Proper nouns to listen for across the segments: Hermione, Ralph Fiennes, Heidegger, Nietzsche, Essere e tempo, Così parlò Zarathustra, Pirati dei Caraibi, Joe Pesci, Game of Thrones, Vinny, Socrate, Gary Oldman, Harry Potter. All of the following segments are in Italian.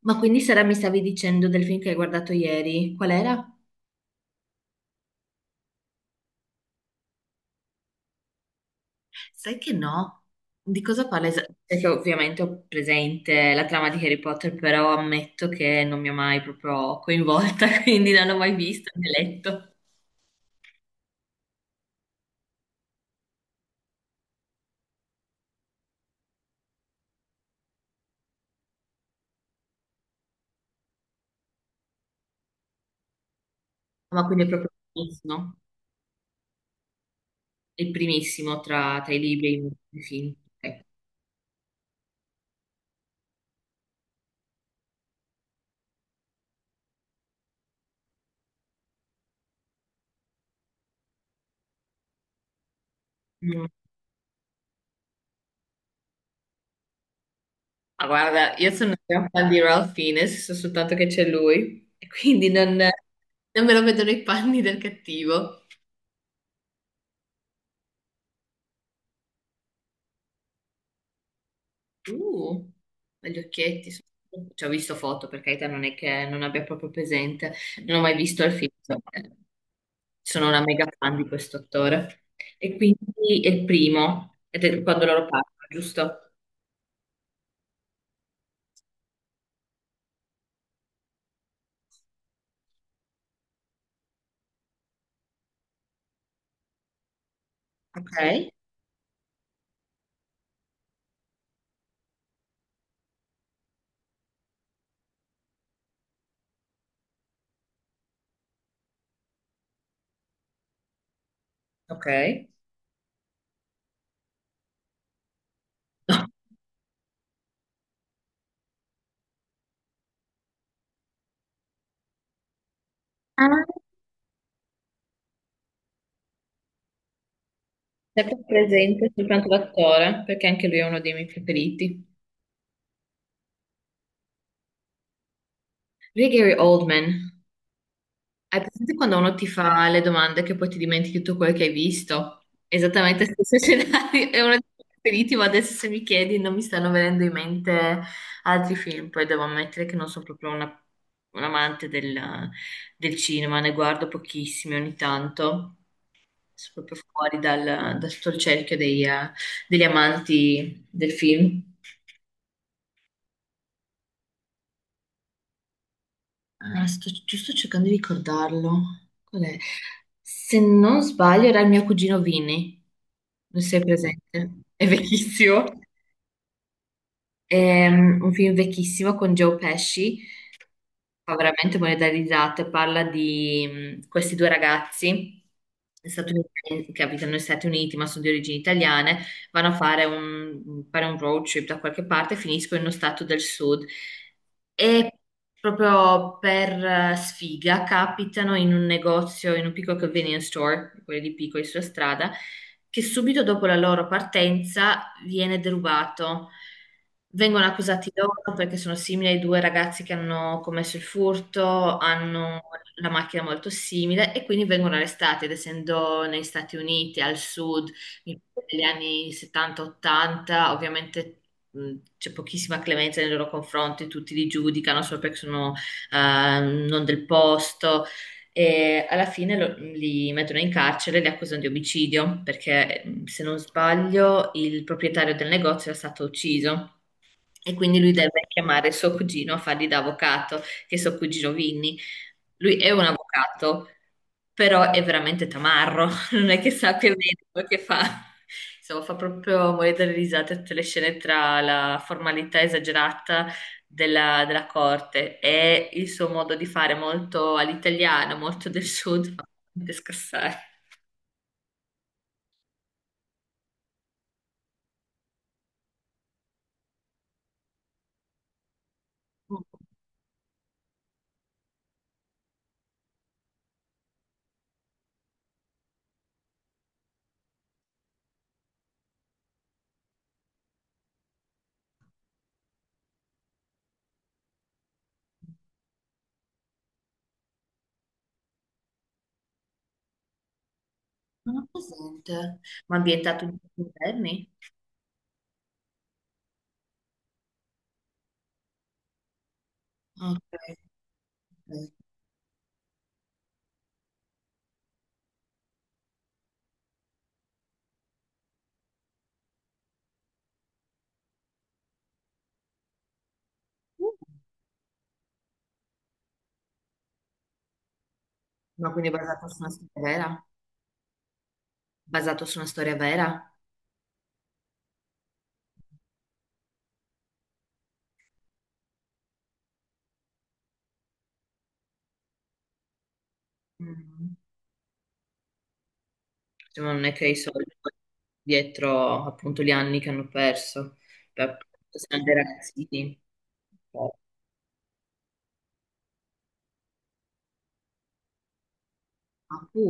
Ma quindi Sara mi stavi dicendo del film che hai guardato ieri? Qual era? Sai che no? Di cosa parla esattamente? Perché ovviamente ho presente la trama di Harry Potter, però ammetto che non mi ha mai proprio coinvolta, quindi non l'ho mai visto né letto. Ma quindi è proprio il primissimo tra i libri e i film. Ok. Mm. Ma guarda, io sono un gran fan di Ralph Fiennes, so soltanto che c'è lui, e quindi non me lo vedo nei panni del cattivo. Uh, ma gli occhietti. Ci ho visto foto, per carità, non è che non abbia proprio presente. Non ho mai visto il film. eh, Sono una mega fan di questo attore. E quindi è il primo, ed è quando loro parlano, giusto? Ok. Ok. No. Ah. Sempre presente soltanto l'attore, perché anche lui è uno dei miei preferiti. Lui è Gary Oldman. Hai presente quando uno ti fa le domande che poi ti dimentichi tutto quello che hai visto? Esattamente lo stesso scenario, è uno dei miei preferiti, ma adesso se mi chiedi non mi stanno venendo in mente altri film, poi devo ammettere che non sono proprio un amante del cinema, ne guardo pochissimi ogni tanto, sono proprio fuori da tutto il cerchio degli amanti del film. Ah, ci sto cercando di ricordarlo. Qual è? Se non sbaglio, era il mio cugino Vini. Non sei presente? È vecchissimo. Un film vecchissimo con Joe Pesci, fa veramente morire da risate, parla di questi due ragazzi statunitensi che abitano negli Stati Uniti ma sono di origini italiane, vanno a fare fare un road trip da qualche parte e finiscono in uno stato del sud e proprio per sfiga capitano in un negozio, in un piccolo convenience store, quelli di piccoli sulla strada che subito dopo la loro partenza viene derubato. Vengono accusati loro perché sono simili ai due ragazzi che hanno commesso il furto, hanno la macchina molto simile e quindi vengono arrestati, ed essendo negli Stati Uniti, al sud, negli anni 70-80, ovviamente mh, c'è pochissima clemenza nei loro confronti, tutti li giudicano solo perché sono eh, non del posto, e alla fine li mettono in carcere e li accusano di omicidio perché, se non sbaglio, il proprietario del negozio è stato ucciso. E quindi lui deve chiamare suo cugino a fargli da avvocato, che è suo cugino Vinny. Lui è un avvocato, però è veramente tamarro, non è che sa che vede quello che fa. Insomma, fa proprio morire dalle risate tutte le scene tra la formalità esagerata della corte e il suo modo di fare molto all'italiano, molto del sud, fa veramente scassare. Mm. Non ho presente, ma ambientato in tempi moderni? Ok. Ok. Ma quindi è basato su una storia vera? Basato su una storia vera? Mm. Cioè, ma non è che i soldi dietro appunto gli anni che hanno perso. Beh, appunto, siamo dei ragazzini. Ma pupo.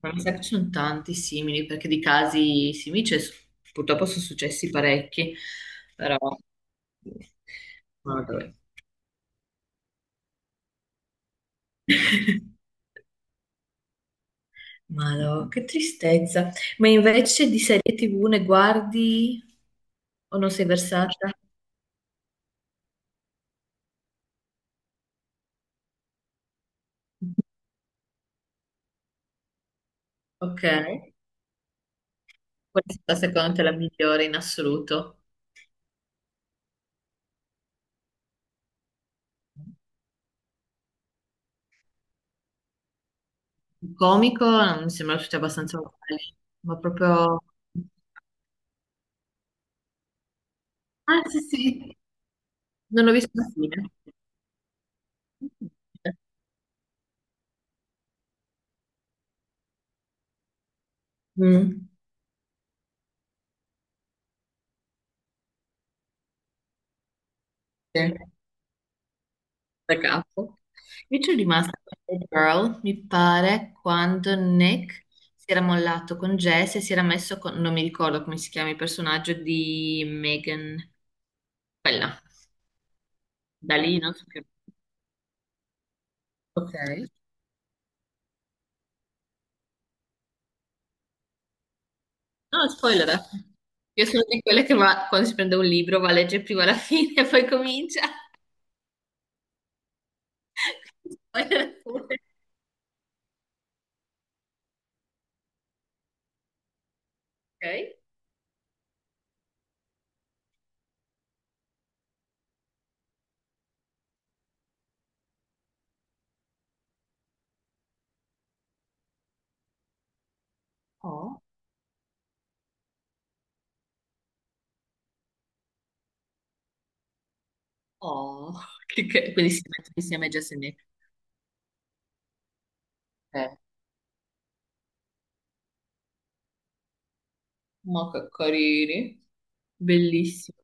Ma mi sa che ci sono tanti simili, perché di casi simili purtroppo sono successi parecchi, però... Madò. Madò, che tristezza. Ma invece di serie TV ne guardi o non sei versata? Ok, qual è stata secondo te è la migliore in assoluto? Il comico non mi sembra tutti abbastanza uguali, ma proprio... Ah, sì, sì, non l'ho visto alla fine. Mm, sì, da capo. Io ci sono rimasta con The Girl, mi pare, quando Nick si era mollato con Jess e si era messo con... non mi ricordo come si chiama il personaggio di Megan, quella. Da lì non so che... Ok. No, spoilerate. Io sono di quelle che quando si prende un libro va a leggere prima la fine e poi comincia. Spoilerate pure. Ok? Oh. Oh, quindi si mettono insieme Jess e Nick. Eh, ma che carini. Bellissimo.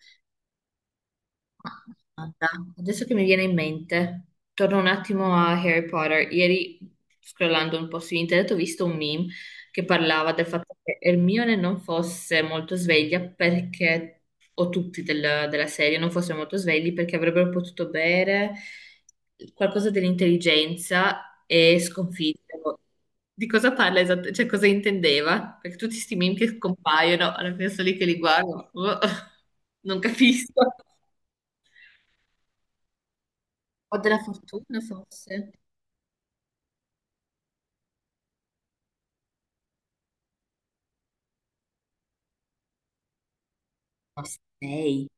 Guarda, adesso che mi viene in mente, torno un attimo a Harry Potter. Ieri, scrollando un po' su internet, ho visto un meme che parlava del fatto che Hermione non fosse molto sveglia perché, o tutti della serie non fossero molto svegli perché avrebbero potuto bere qualcosa dell'intelligenza e sconfiggerlo. Di cosa parla esattamente? Cioè, cosa intendeva? Perché tutti questi meme che compaiono, alla fine sono lì che li guardo, boh, non capisco. Ho della fortuna forse. Ma sei.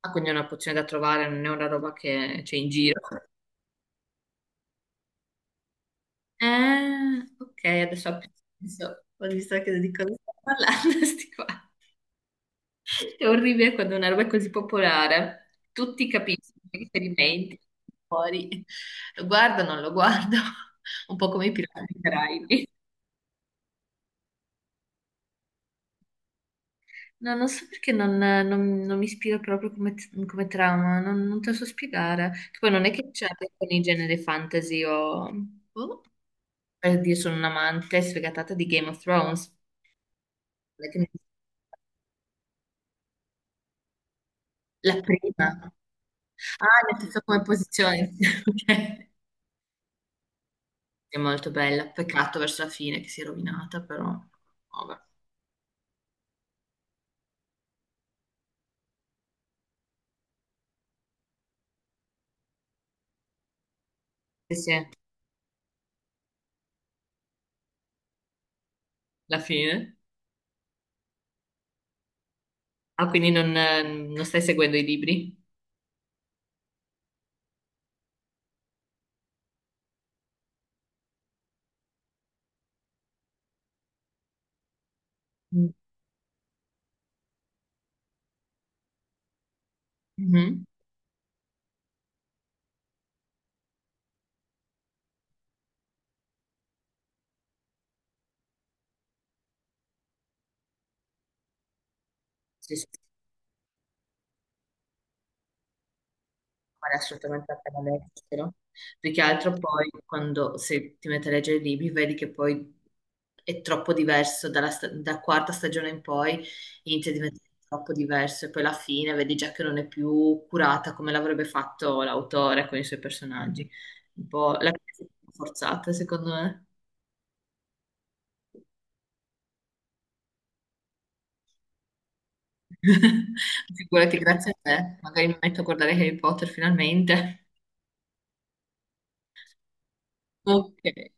Ah, quindi è una pozione da trovare, non è una roba che c'è in giro. Ok, adesso ha più senso. Ho visto che di cosa sto parlando, sti qua. È orribile quando una roba è così popolare. Tutti capiscono i riferimenti fuori. Lo guardo, non lo guardo. Un po' come i pirati dei Caraibi. No, non so perché non mi ispira proprio come, come trama, non te lo so spiegare. Che poi non è che c'è con i generi fantasy o... boh. Per dire, sono un'amante sfegatata di Game of Thrones. Non è che la prima. Ah, nel senso come posizione. Ok. È molto bella, peccato verso la fine che si è rovinata, però... Vabbè. Sì, sì, la fine. Ah, quindi non, non stai seguendo i libri? Mm. Mhm. Sì, sì. Vale assolutamente la pena leggerlo. Più che altro poi quando se ti metti a leggere i libri vedi che poi è troppo diverso dalla da quarta stagione in poi inizia a diventare troppo diverso e poi alla fine vedi già che non è più curata come l'avrebbe fatto l'autore con i suoi personaggi. Un po' la forzata, secondo me. Figurati, grazie a te. Magari mi metto a guardare Harry Potter finalmente. Ok.